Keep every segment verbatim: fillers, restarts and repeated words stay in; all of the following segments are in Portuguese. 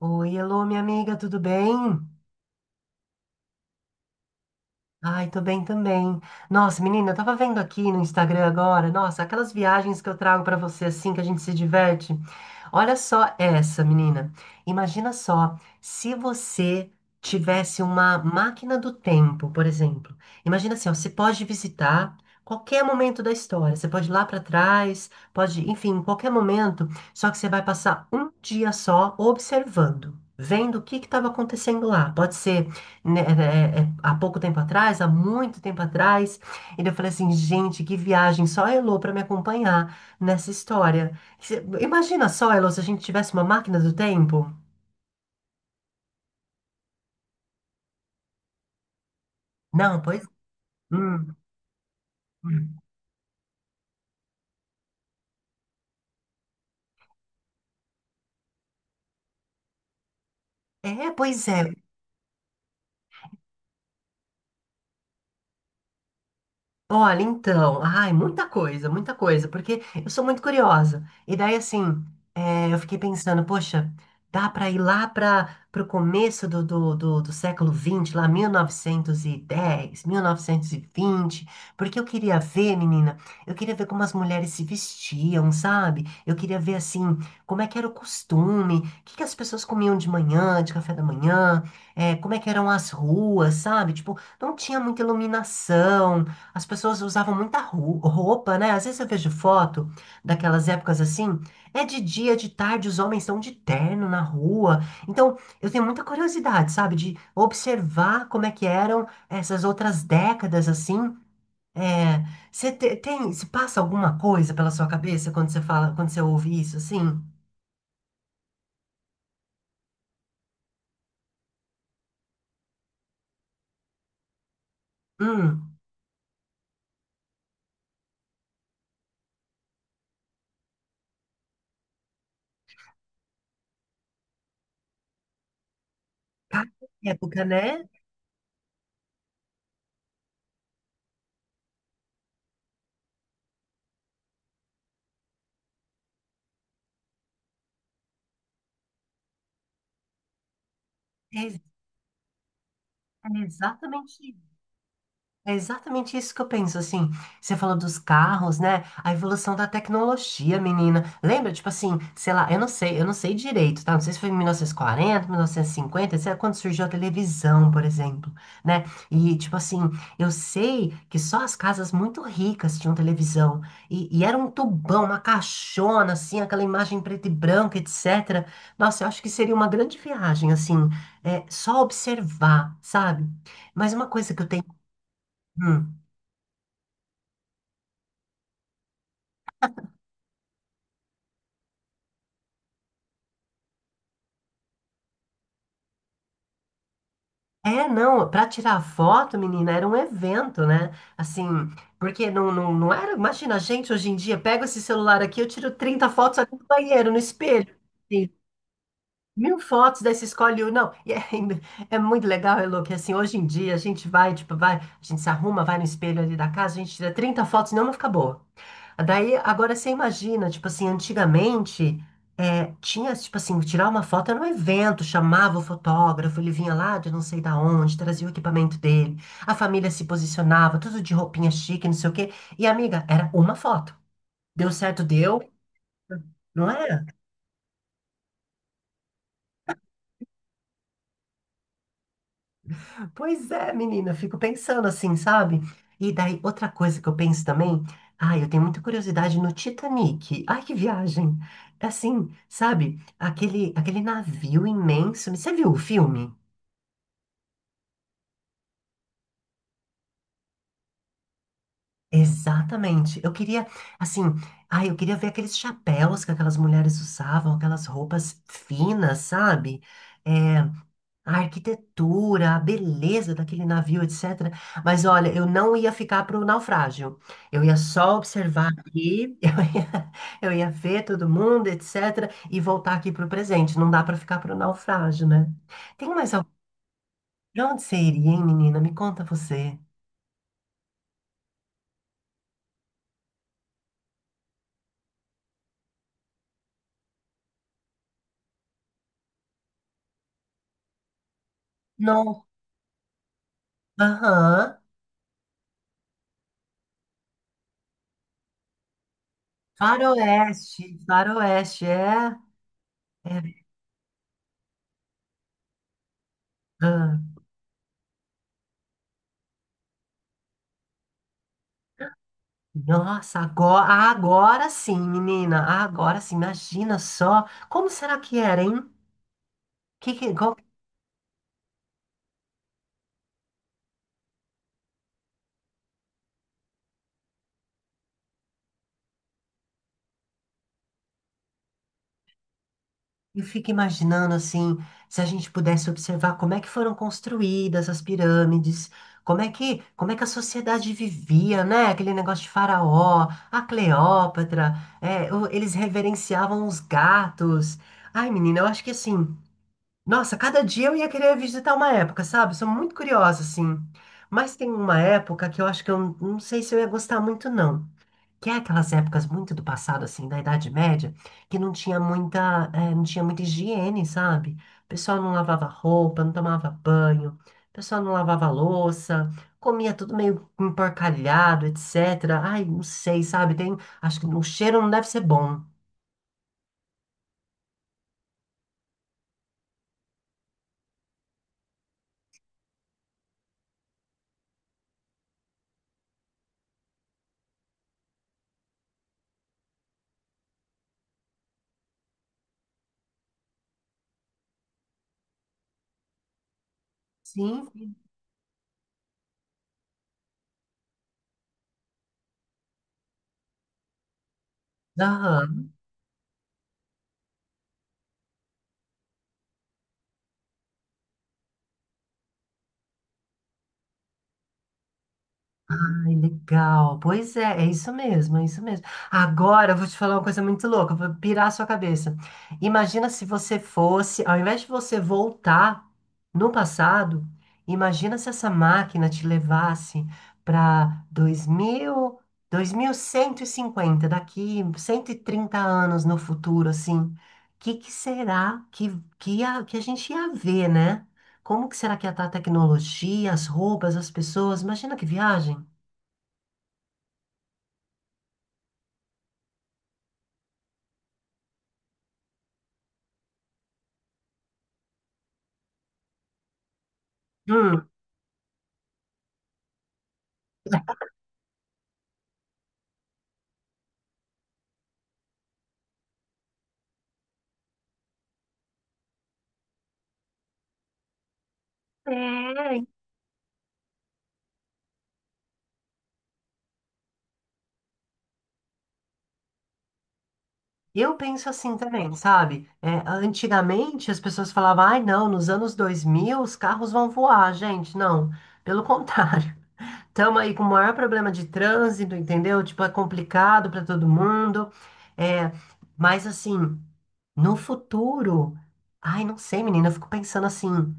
Oi, alô, minha amiga, tudo bem? Ai, tô bem também. Nossa, menina, eu tava vendo aqui no Instagram agora, nossa, aquelas viagens que eu trago pra você assim que a gente se diverte. Olha só essa, menina. Imagina só, se você tivesse uma máquina do tempo, por exemplo. Imagina assim, ó, você pode visitar qualquer momento da história. Você pode ir lá pra trás, pode, enfim, qualquer momento, só que você vai passar um dia só observando. Vendo o que que estava acontecendo lá. Pode ser, né, é, é, é, há pouco tempo atrás, há muito tempo atrás, e eu falei assim, gente, que viagem, só a Elô para me acompanhar nessa história. Se- Imagina só, Elô, se a gente tivesse uma máquina do tempo. Não, pois. Hum. Hum. É, pois é. Olha, então, ai, muita coisa, muita coisa, porque eu sou muito curiosa. E daí, assim, é, eu fiquei pensando, poxa, dá para ir lá para o começo do, do, do, do século vinte, lá mil mil novecentos novecentos e dez, mil novecentos e vinte, porque eu queria ver, menina, eu queria ver como as mulheres se vestiam, sabe? Eu queria ver, assim, como é que era o costume, o que que as pessoas comiam de manhã, de café da manhã, é, como é que eram as ruas, sabe? Tipo, não tinha muita iluminação, as pessoas usavam muita ru- roupa, né? Às vezes eu vejo foto daquelas épocas assim. É de dia, de tarde, os homens estão de terno na rua. Então, eu tenho muita curiosidade, sabe? De observar como é que eram essas outras décadas assim. É, você te- tem, se passa alguma coisa pela sua cabeça quando você fala, quando você ouve isso assim? Hum, cada época, né? É, é exatamente É exatamente isso que eu penso, assim. Você falou dos carros, né? A evolução da tecnologia, menina. Lembra, tipo assim, sei lá, eu não sei, eu não sei direito, tá? Não sei se foi em mil novecentos e quarenta, mil novecentos e cinquenta, sei lá, quando surgiu a televisão, por exemplo, né? E, tipo assim, eu sei que só as casas muito ricas tinham televisão. E, e era um tubão, uma caixona, assim, aquela imagem preta e branca, etcétera. Nossa, eu acho que seria uma grande viagem, assim, é, só observar, sabe? Mas uma coisa que eu tenho. Hum. É, não, para tirar foto, menina, era um evento, né? Assim, porque não, não, não era. Imagina, a gente hoje em dia pega esse celular aqui, eu tiro trinta fotos ali no banheiro, no espelho. Assim, mil fotos, daí você escolhe um. Não, e é, ainda- é muito legal, Elô, que assim, hoje em dia a gente vai, tipo, vai, a gente se arruma, vai no espelho ali da casa, a gente tira trinta fotos, não, não fica boa. Daí, agora você imagina, tipo assim, antigamente, é, tinha, tipo assim, tirar uma foto era um evento, chamava o fotógrafo, ele vinha lá de não sei da onde, trazia o equipamento dele, a família se posicionava, tudo de roupinha chique, não sei o quê. E, amiga, era uma foto. Deu certo, deu, não é? Pois é, menina, eu fico pensando assim, sabe? E daí, outra coisa que eu penso também, ai, eu tenho muita curiosidade no Titanic. Ai, que viagem! É assim, sabe? Aquele, aquele navio imenso. Você viu o filme? Exatamente. Eu queria, assim, ai, eu queria ver aqueles chapéus que aquelas mulheres usavam, aquelas roupas finas, sabe? É, a arquitetura, a beleza daquele navio, etcétera. Mas olha, eu não ia ficar para o naufrágio. Eu ia só observar aqui, eu ia, eu ia ver todo mundo, etcétera. E voltar aqui para o presente. Não dá para ficar para o naufrágio, né? Tem mais algum? Pra onde você iria, hein, menina? Me conta você. Não. Aham. Faroeste. Faroeste, é. É. Ah, nossa, agora, agora sim, menina. Agora sim, imagina só. Como será que era, hein? Que, que- igual eu fico imaginando assim, se a gente pudesse observar como é que foram construídas as pirâmides, como é que, como é que a sociedade vivia, né? Aquele negócio de faraó, a Cleópatra, é, o- eles reverenciavam os gatos. Ai, menina, eu acho que assim, nossa, cada dia eu ia querer visitar uma época, sabe? Sou muito curiosa, assim. Mas tem uma época que eu acho que eu não sei se eu ia gostar muito, não. Que é aquelas épocas muito do passado, assim, da Idade Média, que não tinha muita, eh, não tinha muita higiene, sabe? O pessoal não lavava roupa, não tomava banho, o pessoal não lavava louça, comia tudo meio emporcalhado, etcétera. Ai, não sei, sabe? Tem, acho que o cheiro não deve ser bom. Sim. Aham. Ai, legal. Pois é, é isso mesmo, é isso mesmo. Agora eu vou te falar uma coisa muito louca, vou pirar a sua cabeça. Imagina se você fosse, ao invés de você voltar no passado, imagina se essa máquina te levasse para dois dois mil, dois mil cento e cinquenta, daqui cento e trinta anos no futuro, assim. O que que será que, que, a, que a gente ia ver, né? Como que será que ia estar a tecnologia, as roupas, as pessoas? Imagina que viagem. Hum, é, eu penso assim também, sabe? É, antigamente as pessoas falavam, ai não, nos anos dois mil os carros vão voar, gente. Não, pelo contrário. Estamos aí com o maior problema de trânsito, entendeu? Tipo, é complicado para todo mundo. É, mas assim, no futuro, ai, não sei, menina, eu fico pensando assim.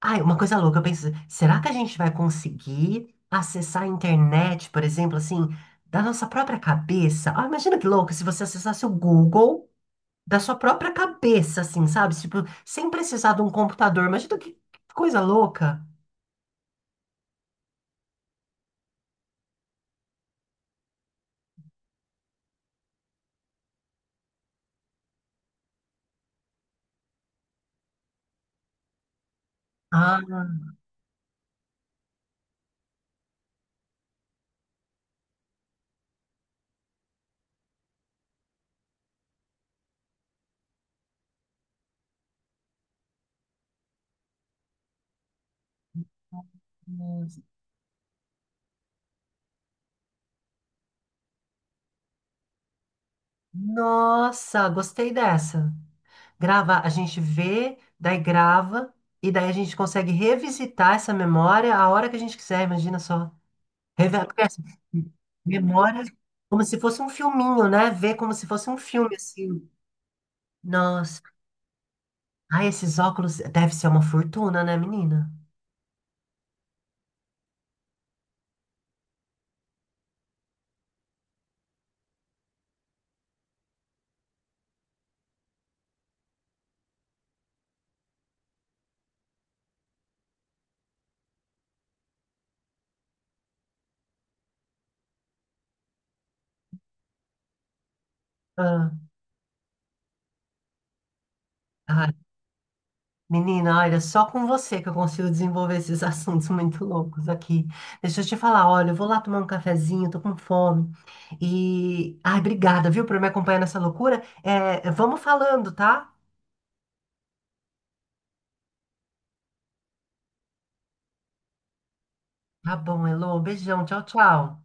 Ai, uma coisa louca, eu penso, assim, será que a gente vai conseguir acessar a internet, por exemplo, assim, da nossa própria cabeça? Ah, imagina que louco se você acessasse o Google da sua própria cabeça, assim, sabe? Tipo, sem precisar de um computador. Imagina que que coisa louca. Ah, nossa, gostei dessa. Grava, a gente vê, daí grava, e daí a gente consegue revisitar essa memória a hora que a gente quiser, imagina só. Revela, porque, assim, memória como se fosse um filminho, né? Ver como se fosse um filme, assim. Nossa. Ai, esses óculos deve ser uma fortuna, né, menina? Ah, ai, menina, olha, só com você que eu consigo desenvolver esses assuntos muito loucos aqui. Deixa eu te falar, olha, eu vou lá tomar um cafezinho, tô com fome. E, ai, obrigada, viu, por me acompanhar nessa loucura. É, vamos falando, tá? Tá bom, Elô, beijão, tchau, tchau.